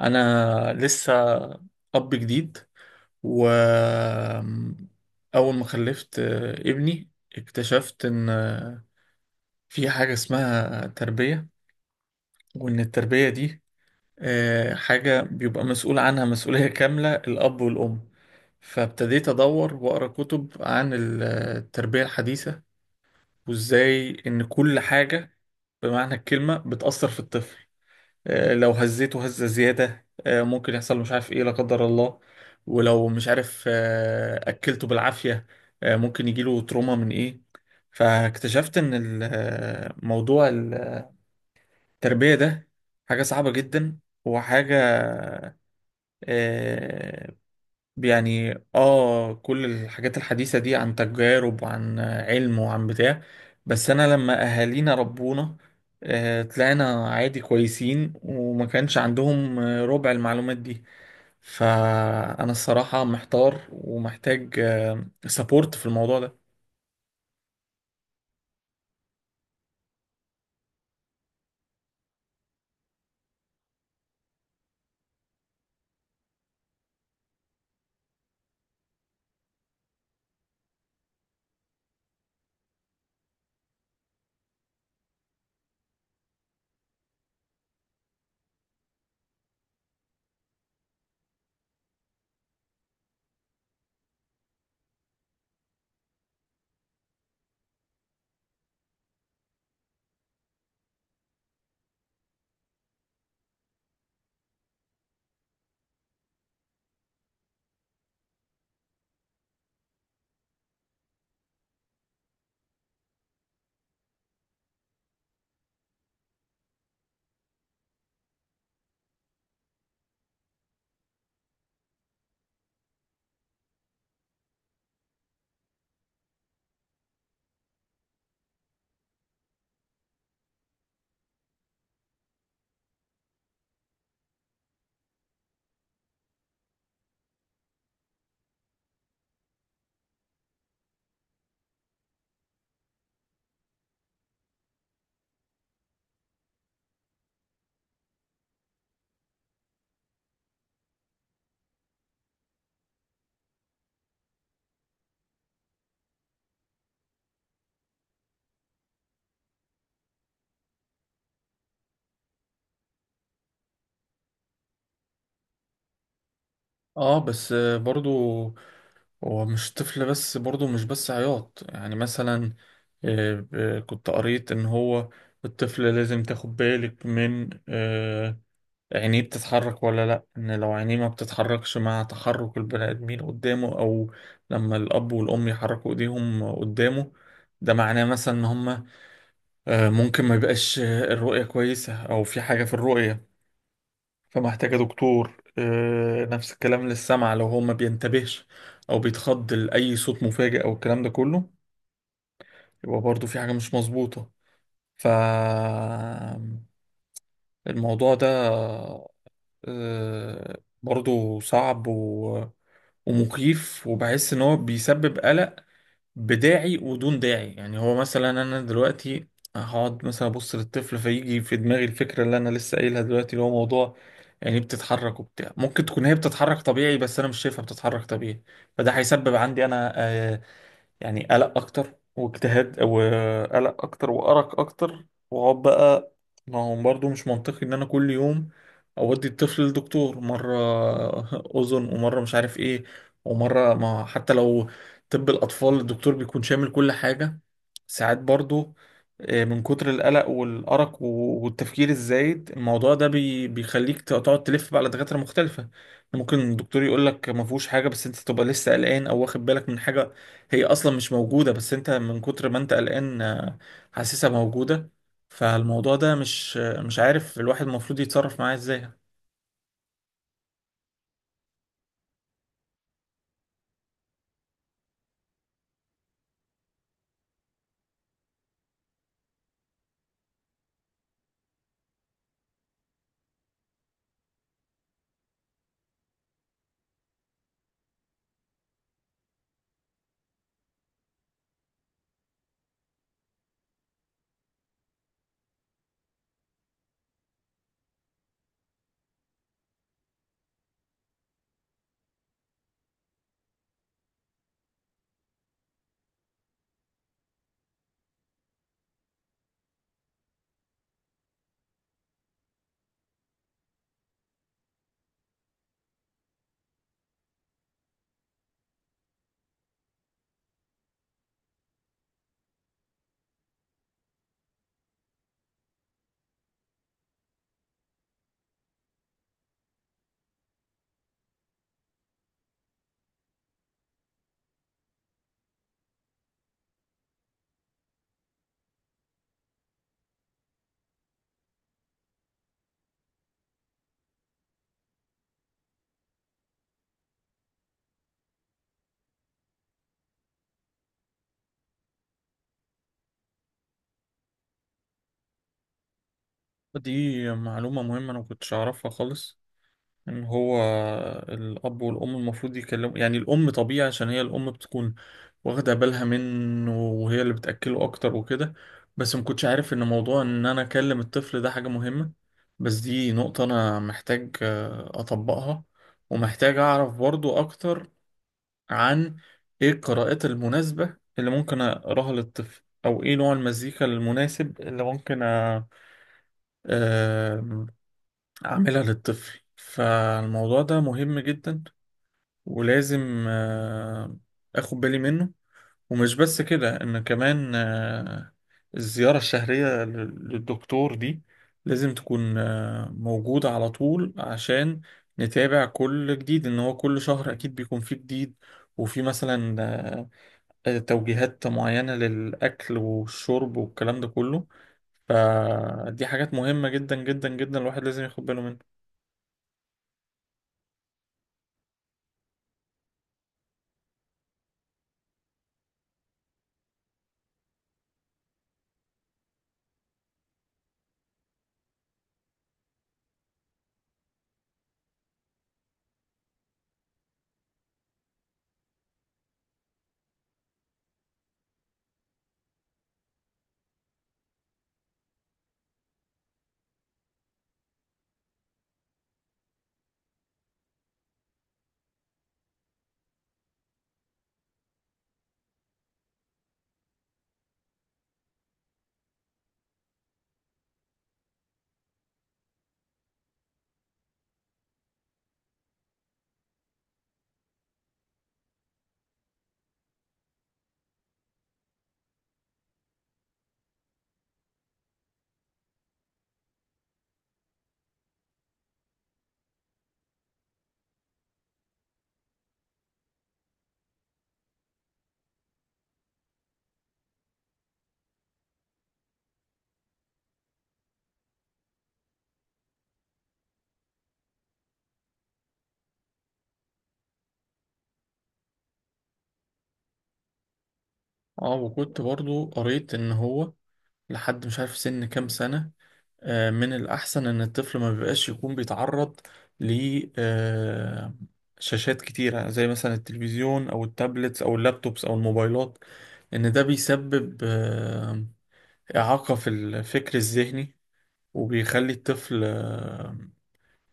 انا لسه اب جديد و اول ما خلفت ابني، اكتشفت ان في حاجة اسمها تربية، وان التربية دي حاجة بيبقى مسؤول عنها مسؤولية كاملة الاب والام. فابتديت ادور واقرا كتب عن التربية الحديثة، وازاي ان كل حاجة بمعنى الكلمة بتأثر في الطفل. لو هزيته هزة زيادة ممكن يحصل مش عارف ايه لا قدر الله. ولو مش عارف أكلته بالعافية ممكن يجيله تروما من ايه. فاكتشفت ان موضوع التربية ده حاجة صعبة جدا، وحاجة آه، يعني كل الحاجات الحديثة دي عن تجارب وعن علم وعن بتاع. بس انا لما اهالينا ربونا طلعنا عادي كويسين، وما كانش عندهم ربع المعلومات دي. فانا الصراحة محتار ومحتاج سبورت في الموضوع ده. اه بس برضو هو مش طفل بس، برضو مش بس عياط، يعني مثلا كنت قريت ان هو الطفل لازم تاخد بالك من عينيه بتتحرك ولا لأ. إن لو عينيه ما بتتحركش مع تحرك البني آدمين قدامه، أو لما الأب والأم يحركوا إيديهم قدامه، ده معناه مثلا إن هما ممكن ما يبقاش الرؤية كويسة، أو في حاجة في الرؤية فمحتاجة دكتور. نفس الكلام للسمع، لو هو ما بينتبهش أو بيتخض لأي صوت مفاجئ أو الكلام ده كله، يبقى برضه في حاجة مش مظبوطة. ف الموضوع ده آه، برضه صعب ومخيف، وبحس ان هو بيسبب قلق بداعي ودون داعي. يعني هو مثلا انا دلوقتي هقعد مثلا ابص للطفل، فيجي في دماغي الفكره اللي انا لسه قايلها دلوقتي، اللي هو موضوع يعني بتتحرك وبتاع، ممكن تكون هي بتتحرك طبيعي بس انا مش شايفها بتتحرك طبيعي. فده هيسبب عندي انا يعني قلق اكتر، واجتهاد وقلق اكتر وارق اكتر. واقعد بقى، ما هو برضه مش منطقي ان انا كل يوم اودي الطفل للدكتور مره اذن، ومره مش عارف ايه، ومره ما حتى لو، طب الاطفال الدكتور بيكون شامل كل حاجه. ساعات برضه من كتر القلق والارق والتفكير الزايد، الموضوع ده بيخليك تقعد تلف بقى على دكاتره مختلفه. ممكن الدكتور يقول لك ما فيهوش حاجه، بس انت تبقى لسه قلقان او واخد بالك من حاجه هي اصلا مش موجوده، بس انت من كتر ما انت قلقان حاسسها موجوده. فالموضوع ده مش عارف الواحد المفروض يتصرف معاه ازاي. دي معلومه مهمه انا ما كنتش اعرفها خالص، ان هو الاب والام المفروض يكلموا. يعني الام طبيعي عشان هي الام بتكون واخده بالها منه وهي اللي بتاكله اكتر وكده، بس ما كنتش عارف ان موضوع ان انا اكلم الطفل ده حاجه مهمه. بس دي نقطه انا محتاج اطبقها، ومحتاج أعرف برضو أكتر عن ايه القراءات المناسبة اللي ممكن اقراها للطفل، او ايه نوع المزيكا المناسب اللي ممكن أ- آم، اعملها للطفل. فالموضوع ده مهم جدا ولازم آه، اخد بالي منه. ومش بس كده، ان كمان الزيارة الشهرية للدكتور دي لازم تكون موجودة على طول، عشان نتابع كل جديد، ان هو كل شهر اكيد بيكون فيه جديد. وفي مثلا توجيهات معينة للأكل والشرب والكلام ده كله. فدي حاجات مهمة جدا جدا جدا الواحد لازم ياخد باله منها. اه، وكنت برضو قريت إن هو لحد مش عارف سن كام سنة من الأحسن إن الطفل ما بيبقاش يكون بيتعرض ل آه، شاشات كتيرة، زي مثلا التلفزيون أو التابلتس أو اللابتوبس أو الموبايلات. إن ده بيسبب إعاقة في الفكر الذهني، وبيخلي الطفل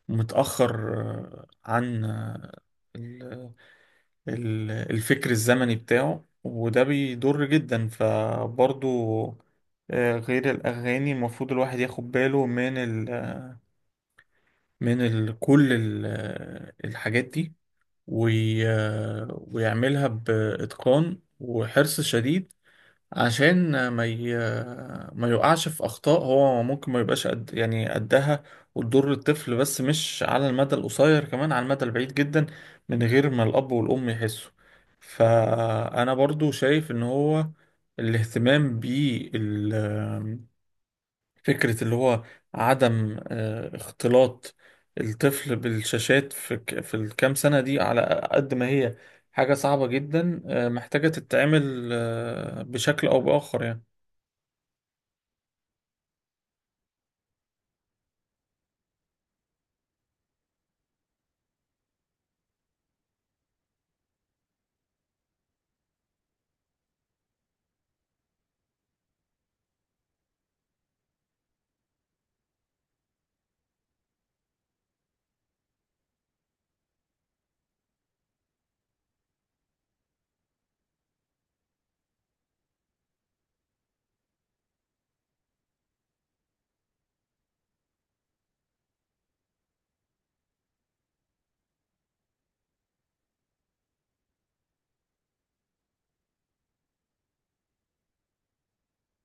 متأخر آه، عن آه، ال- ال- الفكر الزمني بتاعه، وده بيضر جدا. فبرضو غير الأغاني، المفروض الواحد ياخد باله من ال آه، من ال كل ال آه، الحاجات دي ويعملها بإتقان وحرص شديد، عشان ما يقعش في اخطاء. هو ممكن ما يبقاش قد يعني قدها وتضر الطفل، بس مش على المدى القصير، كمان على المدى البعيد جدا، من غير ما الاب والام يحسوا. فانا برضو شايف ان هو الاهتمام بال فكرة اللي هو عدم اختلاط الطفل بالشاشات في في الكام سنة دي، على قد ما هي حاجة صعبة جدا محتاجة تتعمل بشكل أو بآخر يعني.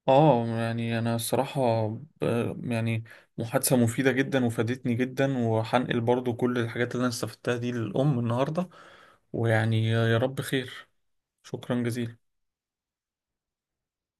اه يعني أنا الصراحة يعني محادثة مفيدة جدا وفادتني جدا، وهنقل برضو كل الحاجات اللي أنا استفدتها دي للأم النهاردة. ويعني يا رب خير. شكرا جزيلا.